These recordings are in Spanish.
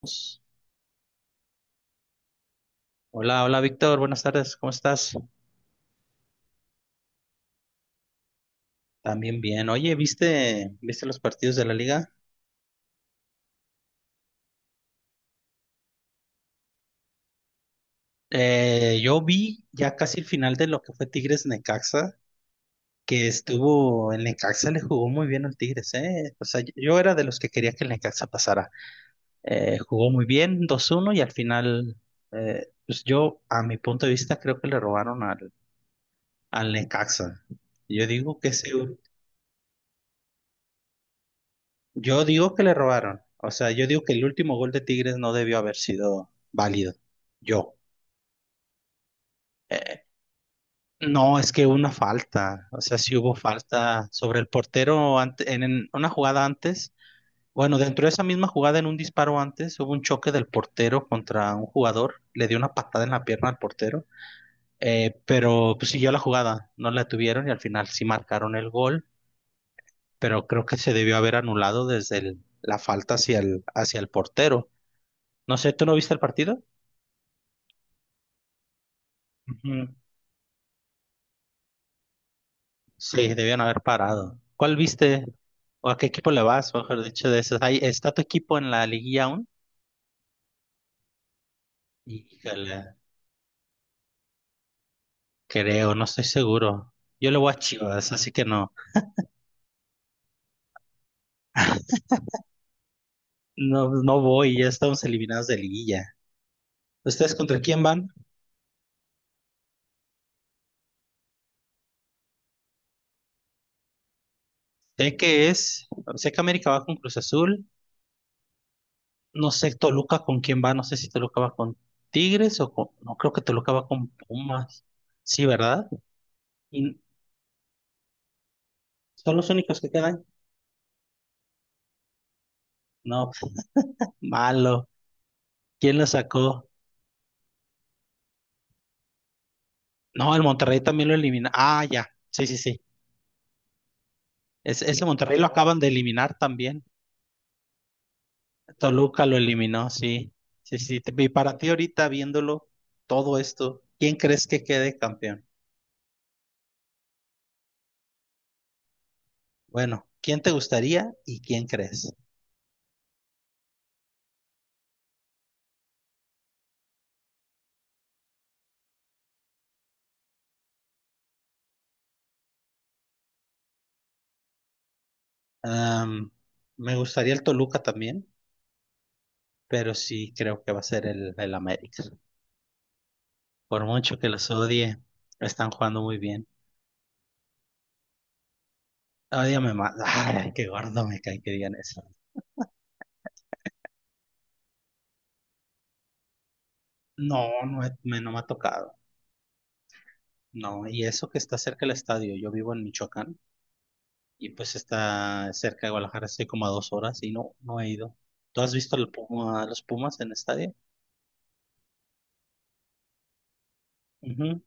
Pues, Hola Víctor, buenas tardes, ¿cómo estás? También bien. Oye, ¿viste los partidos de la liga? Yo vi ya casi el final de lo que fue Tigres Necaxa, que estuvo, el Necaxa le jugó muy bien al Tigres, ¿eh? O sea, yo era de los que quería que el Necaxa pasara. Jugó muy bien, 2-1 y al final, pues yo, a mi punto de vista, creo que le robaron al, al Necaxa. Yo digo que ese, Yo digo que le robaron. O sea, yo digo que el último gol de Tigres no debió haber sido válido. Yo. Eh, no, es que hubo una falta. O sea, sí hubo falta sobre el portero en una jugada antes. Bueno, dentro de esa misma jugada, en un disparo antes, hubo un choque del portero contra un jugador. Le dio una patada en la pierna al portero. Pero pues, siguió la jugada. No la tuvieron y al final sí marcaron el gol. Pero creo que se debió haber anulado desde la falta hacia el portero. No sé, ¿tú no viste el partido? Ujú. Sí, debían haber parado. ¿Cuál viste? ¿O a qué equipo le vas? Mejor dicho, de esos. Ahí, ¿está tu equipo en la liguilla aún? Híjole, creo, no estoy seguro. Yo le voy a Chivas, así que no. No, no voy, ya estamos eliminados de liguilla. ¿Ustedes contra quién van? Sé que es, sé que América va con Cruz Azul. No sé Toluca con quién va, no sé si Toluca va con Tigres o con, no creo que Toluca va con Pumas. Sí, ¿verdad? Y son los únicos que quedan. No, malo. ¿Quién lo sacó? No, el Monterrey también lo elimina. Ah, ya. Sí, sí, sí. Ese Monterrey lo acaban de eliminar también. Toluca lo eliminó, sí. Sí, sí. Y para ti ahorita viéndolo todo esto, ¿quién crees que quede campeón? Bueno, ¿quién te gustaría y quién crees? Am, Me gustaría el Toluca también, pero sí creo que va a ser el América. Por mucho que los odie, están jugando muy bien. Ódiame más. Ay, qué gordo me cae que digan eso. No, no, no me ha tocado. No, y eso que está cerca del estadio. Yo vivo en Michoacán y pues está cerca de Guadalajara, estoy como a 2 horas y no, no he ido. ¿Tú has visto los Pumas en el estadio? Ujú.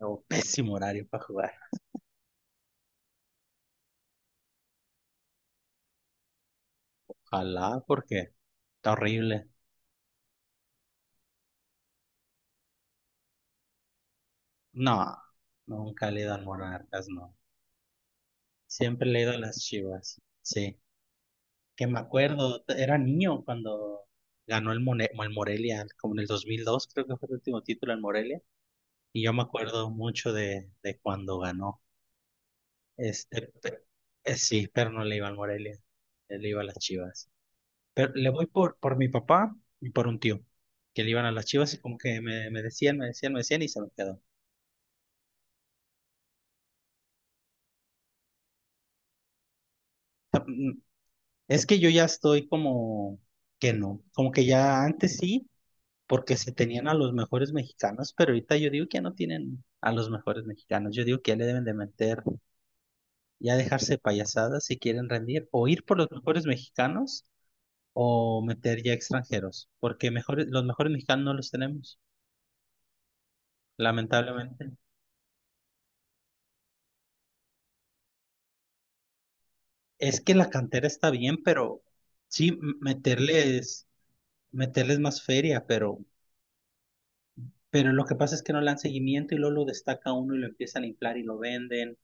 Oh, pésimo horario para jugar. Ojalá, porque está horrible. No, nunca le he ido al Monarcas, no. Siempre le he ido a las Chivas. Sí, que me acuerdo, era niño cuando ganó el Morelia, como en el 2002, creo que fue el último título en Morelia. Y yo me acuerdo mucho de cuando ganó. Este, pe- sí, pero no le iba al Morelia, le iba a las Chivas. Pero le voy por mi papá y por un tío, que le iban a las Chivas y como que me, me decían y se me quedó. O sea, es que yo ya estoy como que no, como que ya antes sí, porque se tenían a los mejores mexicanos, pero ahorita yo digo que ya no tienen a los mejores mexicanos. Yo digo que ya le deben de meter, ya dejarse payasadas si quieren rendir, o ir por los mejores mexicanos o meter ya extranjeros, porque mejores, los mejores mexicanos no los tenemos, lamentablemente. Es que la cantera está bien, pero sí, meterles más feria, pero lo que pasa es que no le dan seguimiento y luego lo destaca uno y lo empiezan a inflar y lo venden.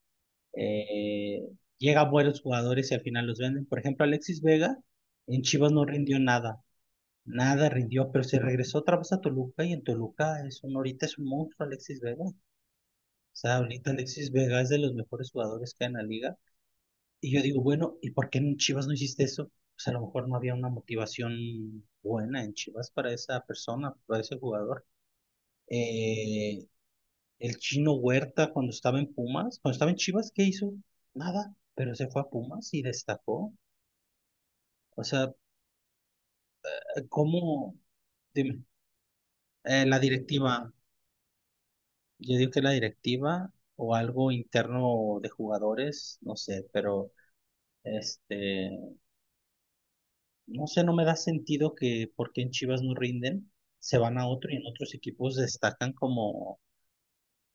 Eh, Llegan buenos jugadores y al final los venden. Por ejemplo, Alexis Vega en Chivas no rindió nada. Nada rindió, pero se regresó otra vez a Toluca y en Toluca es un, ahorita es un monstruo Alexis Vega. O sea, ahorita Alexis Vega es de los mejores jugadores que hay en la liga. Y yo digo, bueno, ¿y por qué en Chivas no hiciste eso? Pues a lo mejor no había una motivación buena en Chivas para esa persona, para ese jugador. Eh, el Chino Huerta cuando estaba en Pumas, cuando estaba en Chivas, ¿qué hizo? Nada, pero se fue a Pumas y destacó. O sea, ¿cómo? Dime, la directiva, yo digo que la directiva o algo interno de jugadores, no sé, pero... Este, No sé, no me da sentido que porque en Chivas no rinden, se van a otro y en otros equipos destacan como,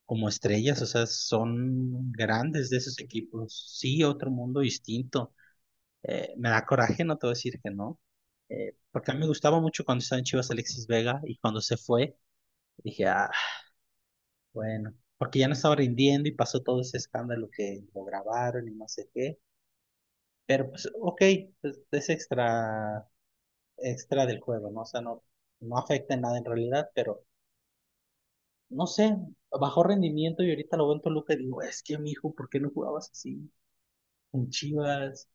como estrellas, o sea, son grandes de esos equipos. Sí, otro mundo distinto. Me da coraje, no te voy a decir que no. Porque a mí me gustaba mucho cuando estaba en Chivas Alexis Vega y cuando se fue, dije, ah, bueno, porque ya no estaba rindiendo y pasó todo ese escándalo que lo grabaron y no sé qué. Pero pues, ok, pues, es extra del juego, ¿no? O sea, no, no afecta en nada en realidad, pero no sé, bajó rendimiento y ahorita lo veo en Toluca y digo, es que mi hijo, ¿por qué no jugabas así? Con Chivas.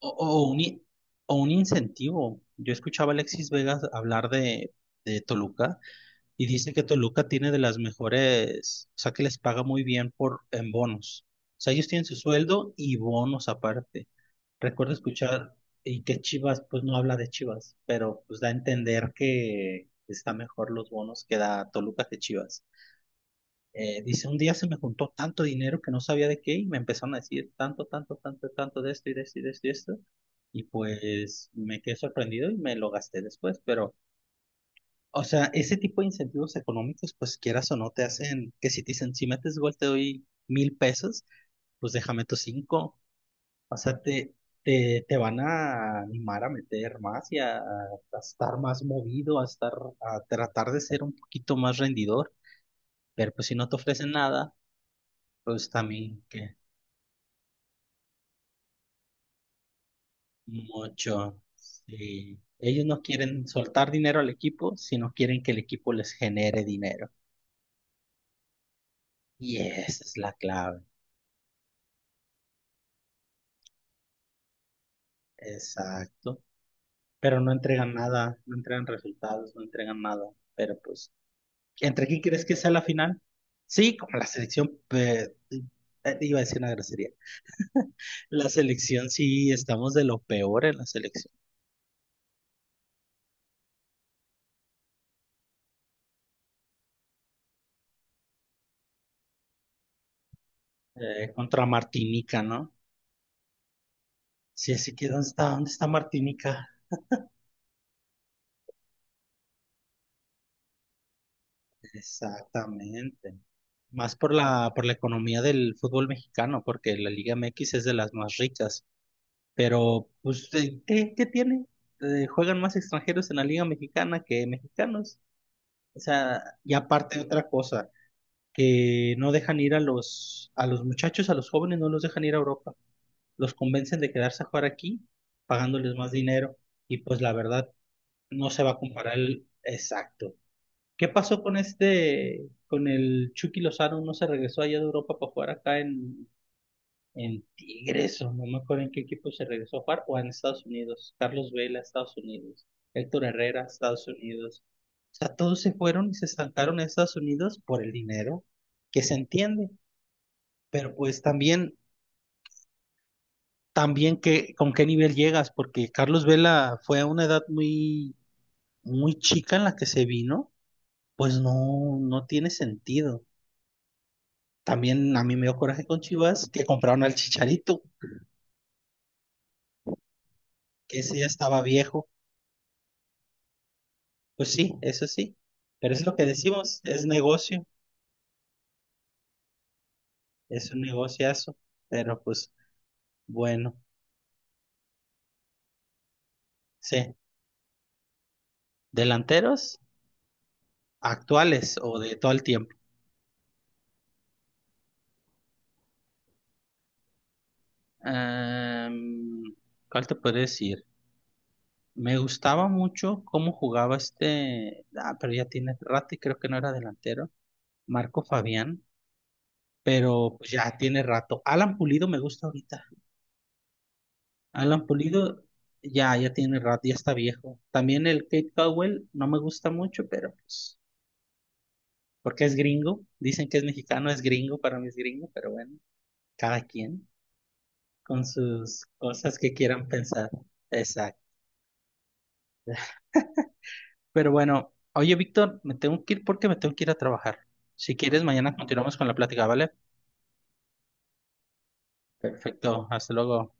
O, o un, i- o un incentivo. Yo escuchaba a Alexis Vegas hablar de Toluca y dice que Toluca tiene de las mejores, o sea, que les paga muy bien por, en bonos. O sea, ellos tienen su sueldo y bonos aparte. Recuerdo escuchar y que Chivas, pues no habla de Chivas, pero pues da a entender que está mejor los bonos que da Toluca que Chivas. Dice, un día se me juntó tanto dinero que no sabía de qué y me empezaron a decir tanto, tanto, tanto, tanto de esto y de esto y de esto y de esto. Y pues me quedé sorprendido y me lo gasté después, pero, o sea, ese tipo de incentivos económicos, pues quieras o no, te hacen que si te dicen, si metes gol te doy 1,000 pesos, pues déjame tus cinco. O sea, te van a animar a meter más y a estar más movido, a estar, a tratar de ser un poquito más rendidor, pero pues si no te ofrecen nada, pues también que mucho. Sí. Ellos no quieren soltar dinero al equipo, sino quieren que el equipo les genere dinero. Y esa es la clave. Exacto. Pero no entregan nada, no entregan resultados, no entregan nada. Pero pues, ¿entre quién crees que sea la final? Sí, como la selección, iba a decir una grosería. La selección sí, estamos de lo peor en la selección. Contra Martinica, ¿no? Sí, así que, ¿dónde está? ¿Dónde está Martinica? Exactamente. Más por la economía del fútbol mexicano, porque la Liga MX es de las más ricas. Pero, pues, ¿qué tiene? Juegan más extranjeros en la Liga Mexicana que mexicanos. O sea, y aparte otra cosa, que no dejan ir a los muchachos, a los jóvenes, no los dejan ir a Europa. Los convencen de quedarse a jugar aquí, pagándoles más dinero, y pues la verdad no se va a comparar el exacto. ¿Qué pasó con este, con el Chucky Lozano? ¿No se regresó allá de Europa para jugar acá en Tigres o no me acuerdo en qué equipo se regresó a jugar? O en Estados Unidos. Carlos Vela, Estados Unidos. Héctor Herrera, Estados Unidos. O sea, todos se fueron y se estancaron en Estados Unidos por el dinero, que se entiende, pero pues también, también que, con qué nivel llegas, porque Carlos Vela fue a una edad muy, muy chica en la que se vino, pues no, no tiene sentido. También a mí me dio coraje con Chivas que compraron al Chicharito, que ese ya estaba viejo. Pues sí, eso sí. Pero es lo que decimos, es negocio, es un negociazo. Pero pues bueno, sí. Delanteros actuales o de todo el tiempo. Em, ¿Cuál te puedo decir? Me gustaba mucho cómo jugaba este, ah, pero ya tiene rato y creo que no era delantero, Marco Fabián, pero pues ya tiene rato. Alan Pulido me gusta ahorita. Alan Pulido ya, ya tiene rato, ya está viejo. También el Kate Cowell no me gusta mucho, pero pues, porque es gringo. Dicen que es mexicano, es gringo, para mí es gringo, pero bueno, cada quien con sus cosas que quieran pensar. Exacto. Pero bueno, oye, Víctor, me tengo que ir porque me tengo que ir a trabajar. Si quieres, mañana continuamos con la plática, ¿vale? Perfecto. Perfecto, hasta luego.